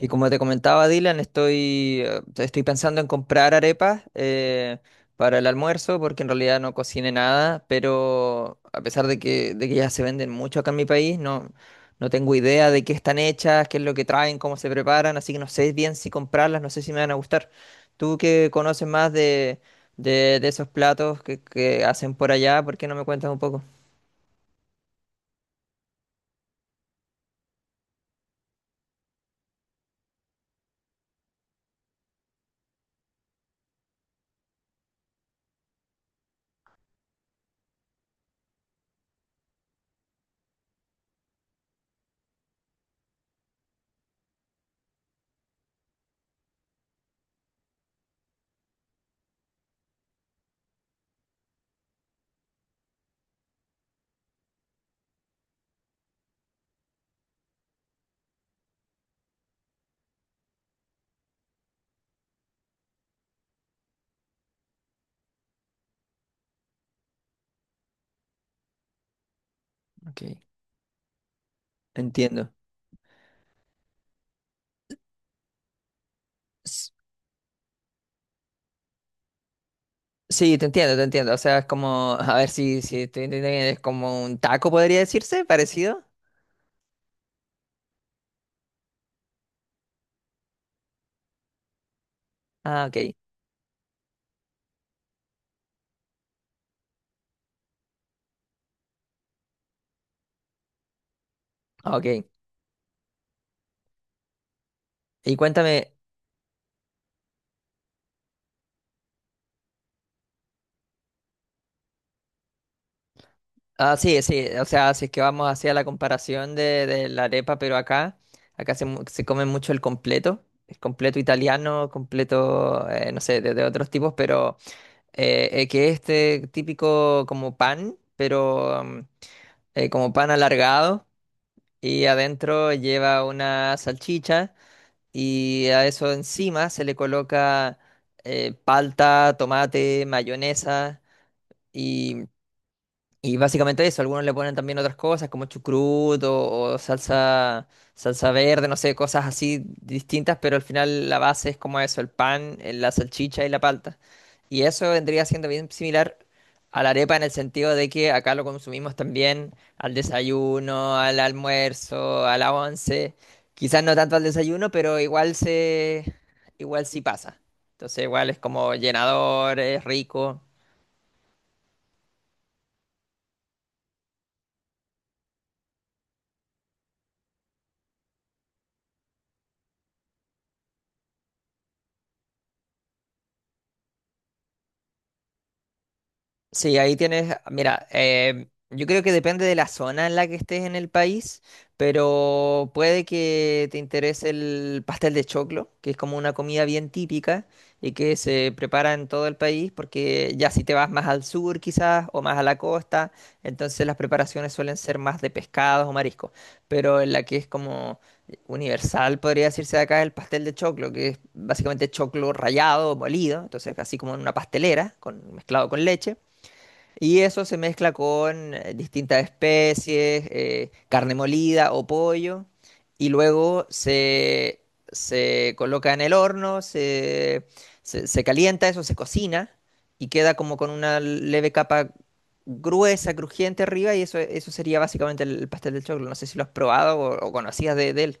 Y como te comentaba Dylan, estoy pensando en comprar arepas para el almuerzo, porque en realidad no cociné nada, pero a pesar de que ya se venden mucho acá en mi país, no, no tengo idea de qué están hechas, qué es lo que traen, cómo se preparan, así que no sé bien si comprarlas, no sé si me van a gustar. Tú que conoces más de esos platos que hacen por allá, ¿por qué no me cuentas un poco? Ok, entiendo. Sí, te entiendo, te entiendo. O sea, es como, a ver si te entiendo bien, es como un taco, podría decirse, parecido. Ah, ok, ah, ok. Y cuéntame, ah, sí, sí, o sea, si es que vamos hacia la comparación de la arepa, pero acá, se come mucho el completo italiano, completo, no sé, de otros tipos, pero que este típico como pan, pero... mm, como pan alargado y adentro lleva una salchicha. Y a eso encima se le coloca palta, tomate, mayonesa y básicamente eso, algunos le ponen también otras cosas como chucruto o salsa, salsa verde, no sé, cosas así distintas, pero al final la base es como eso, el pan, la salchicha y la palta. Y eso vendría siendo bien similar a la arepa en el sentido de que acá lo consumimos también al desayuno, al almuerzo, a la once, quizás no tanto al desayuno, pero igual sí pasa. Entonces igual es como llenador, es rico. Sí, ahí tienes, mira, yo creo que depende de la zona en la que estés en el país, pero puede que te interese el pastel de choclo, que es como una comida bien típica y que se prepara en todo el país, porque ya si te vas más al sur quizás o más a la costa, entonces las preparaciones suelen ser más de pescados o mariscos, pero en la que es como universal, podría decirse de acá, el pastel de choclo, que es básicamente choclo rallado, molido, entonces así como en una pastelera, mezclado con leche. Y eso se mezcla con distintas especies, carne molida o pollo, y se coloca en el horno, se calienta, eso se cocina y queda como con una leve capa gruesa, crujiente arriba, y eso sería básicamente el pastel del choclo. No sé si lo has probado o conocías de él.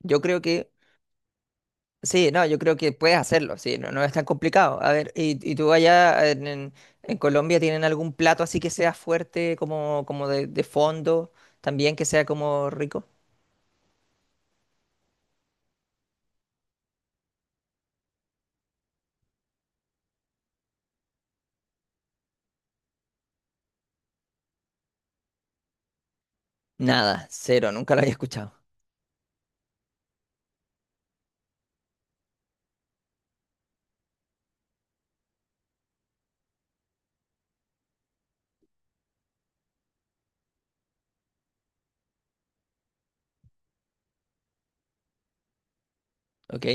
Yo creo que sí, no, yo creo que puedes hacerlo, sí, no, no es tan complicado. A ver, ¿y tú allá en Colombia tienen algún plato así que sea fuerte, como, como de fondo, también que sea como rico? Nada, cero, nunca lo había escuchado. ¿Ok?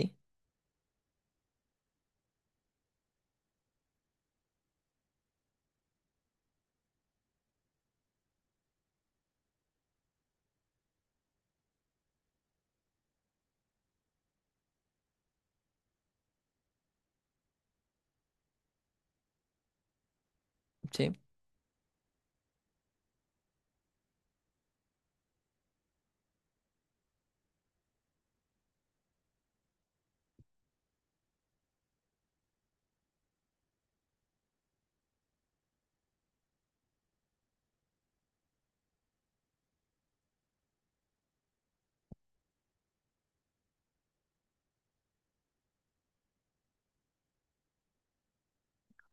Sí,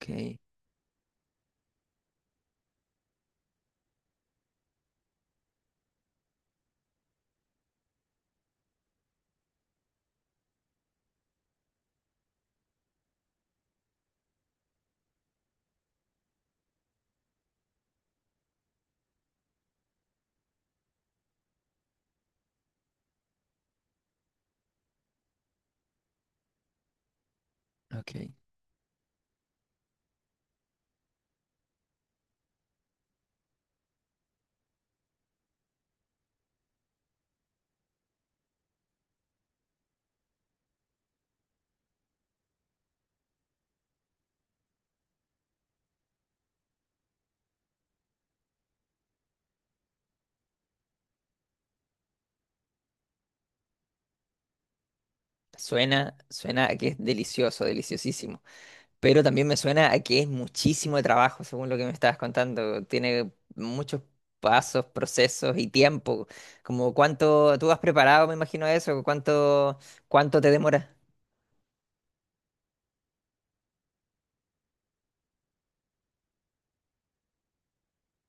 ok, ok. Suena, suena a que es delicioso, deliciosísimo. Pero también me suena a que es muchísimo de trabajo, según lo que me estabas contando. Tiene muchos pasos, procesos y tiempo. Como cuánto tú has preparado, me imagino eso, cuánto, cuánto te demora.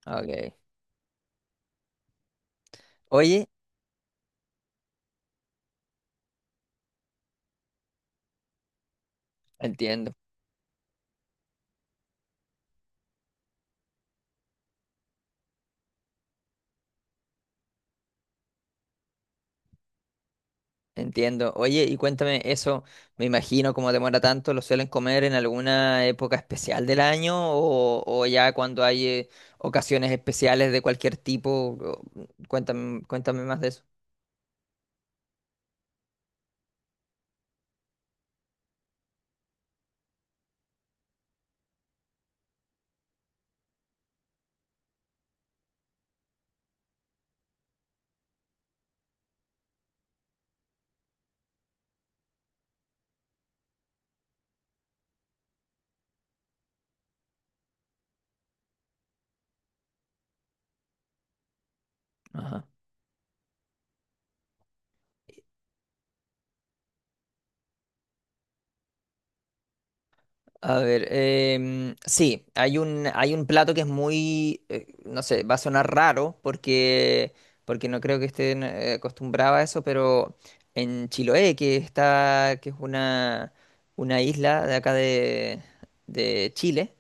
Ok. Oye, entiendo, entiendo. Oye, y cuéntame eso, me imagino cómo demora tanto, ¿lo suelen comer en alguna época especial del año o ya cuando hay ocasiones especiales de cualquier tipo? O- Cuéntame, cuéntame más de eso. A ver, em, sí, hay hay un plato que es muy, no sé, va a sonar raro porque, porque no creo que estén acostumbrados a eso, pero en Chiloé, que está, que es una isla de acá de Chile,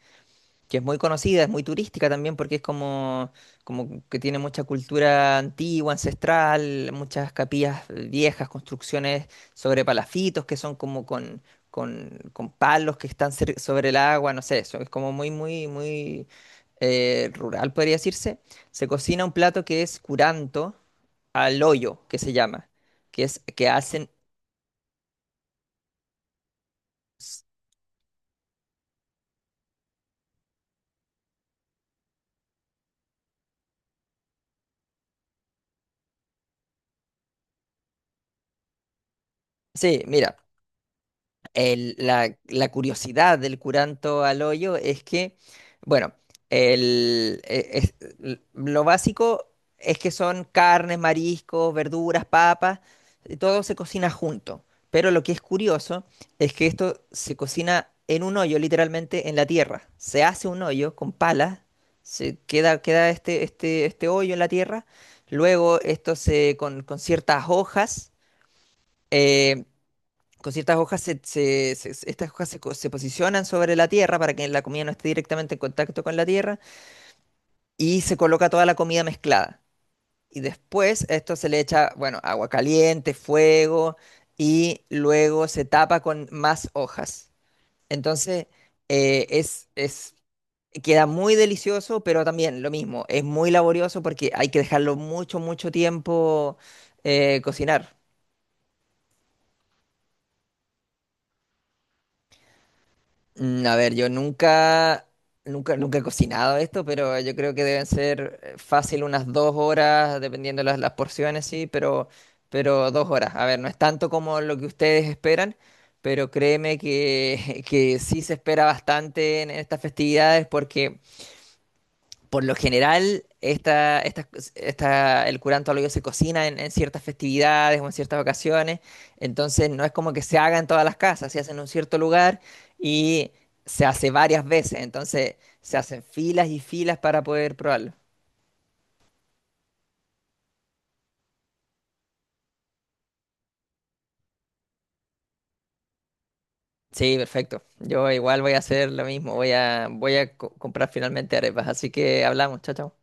que es muy conocida, es muy turística también porque es como, como que tiene mucha cultura antigua, ancestral, muchas capillas viejas, construcciones sobre palafitos que son como con palos que están sobre el agua, no sé, eso es como muy, muy, muy rural, podría decirse. Se cocina un plato que es curanto al hoyo, que se llama, que es que hacen... Sí, mira. La curiosidad del curanto al hoyo es que, bueno, el, e- es- l- lo básico es que son carnes, mariscos, verduras, papas, y todo se cocina junto. Pero lo que es curioso es que esto se cocina en un hoyo, literalmente en la tierra. Se hace un hoyo con palas, queda este hoyo en la tierra. Luego esto se eh, con ciertas hojas, estas hojas se posicionan sobre la tierra para que la comida no esté directamente en contacto con la tierra y se coloca toda la comida mezclada. Y después a esto se le echa, bueno, agua caliente, fuego y luego se tapa con más hojas. Entonces, es, queda muy delicioso, pero también lo mismo, es muy laborioso porque hay que dejarlo mucho, mucho tiempo cocinar. Mm, a ver, yo nunca, nunca, nunca he cocinado esto, pero yo creo que deben ser fácil unas dos horas, dependiendo de las porciones, sí, pero dos horas. A ver, no es tanto como lo que ustedes esperan, pero créeme que, que sí se espera bastante en estas festividades porque por lo general, el curanto al hoyo se cocina en ciertas festividades o en ciertas ocasiones, entonces no es como que se haga en todas las casas, se hace en un cierto lugar y se hace varias veces, entonces se hacen filas y filas para poder probarlo. Sí, perfecto. Yo igual voy a hacer lo mismo, voy a comprar finalmente arepas, así que hablamos, chao, chao.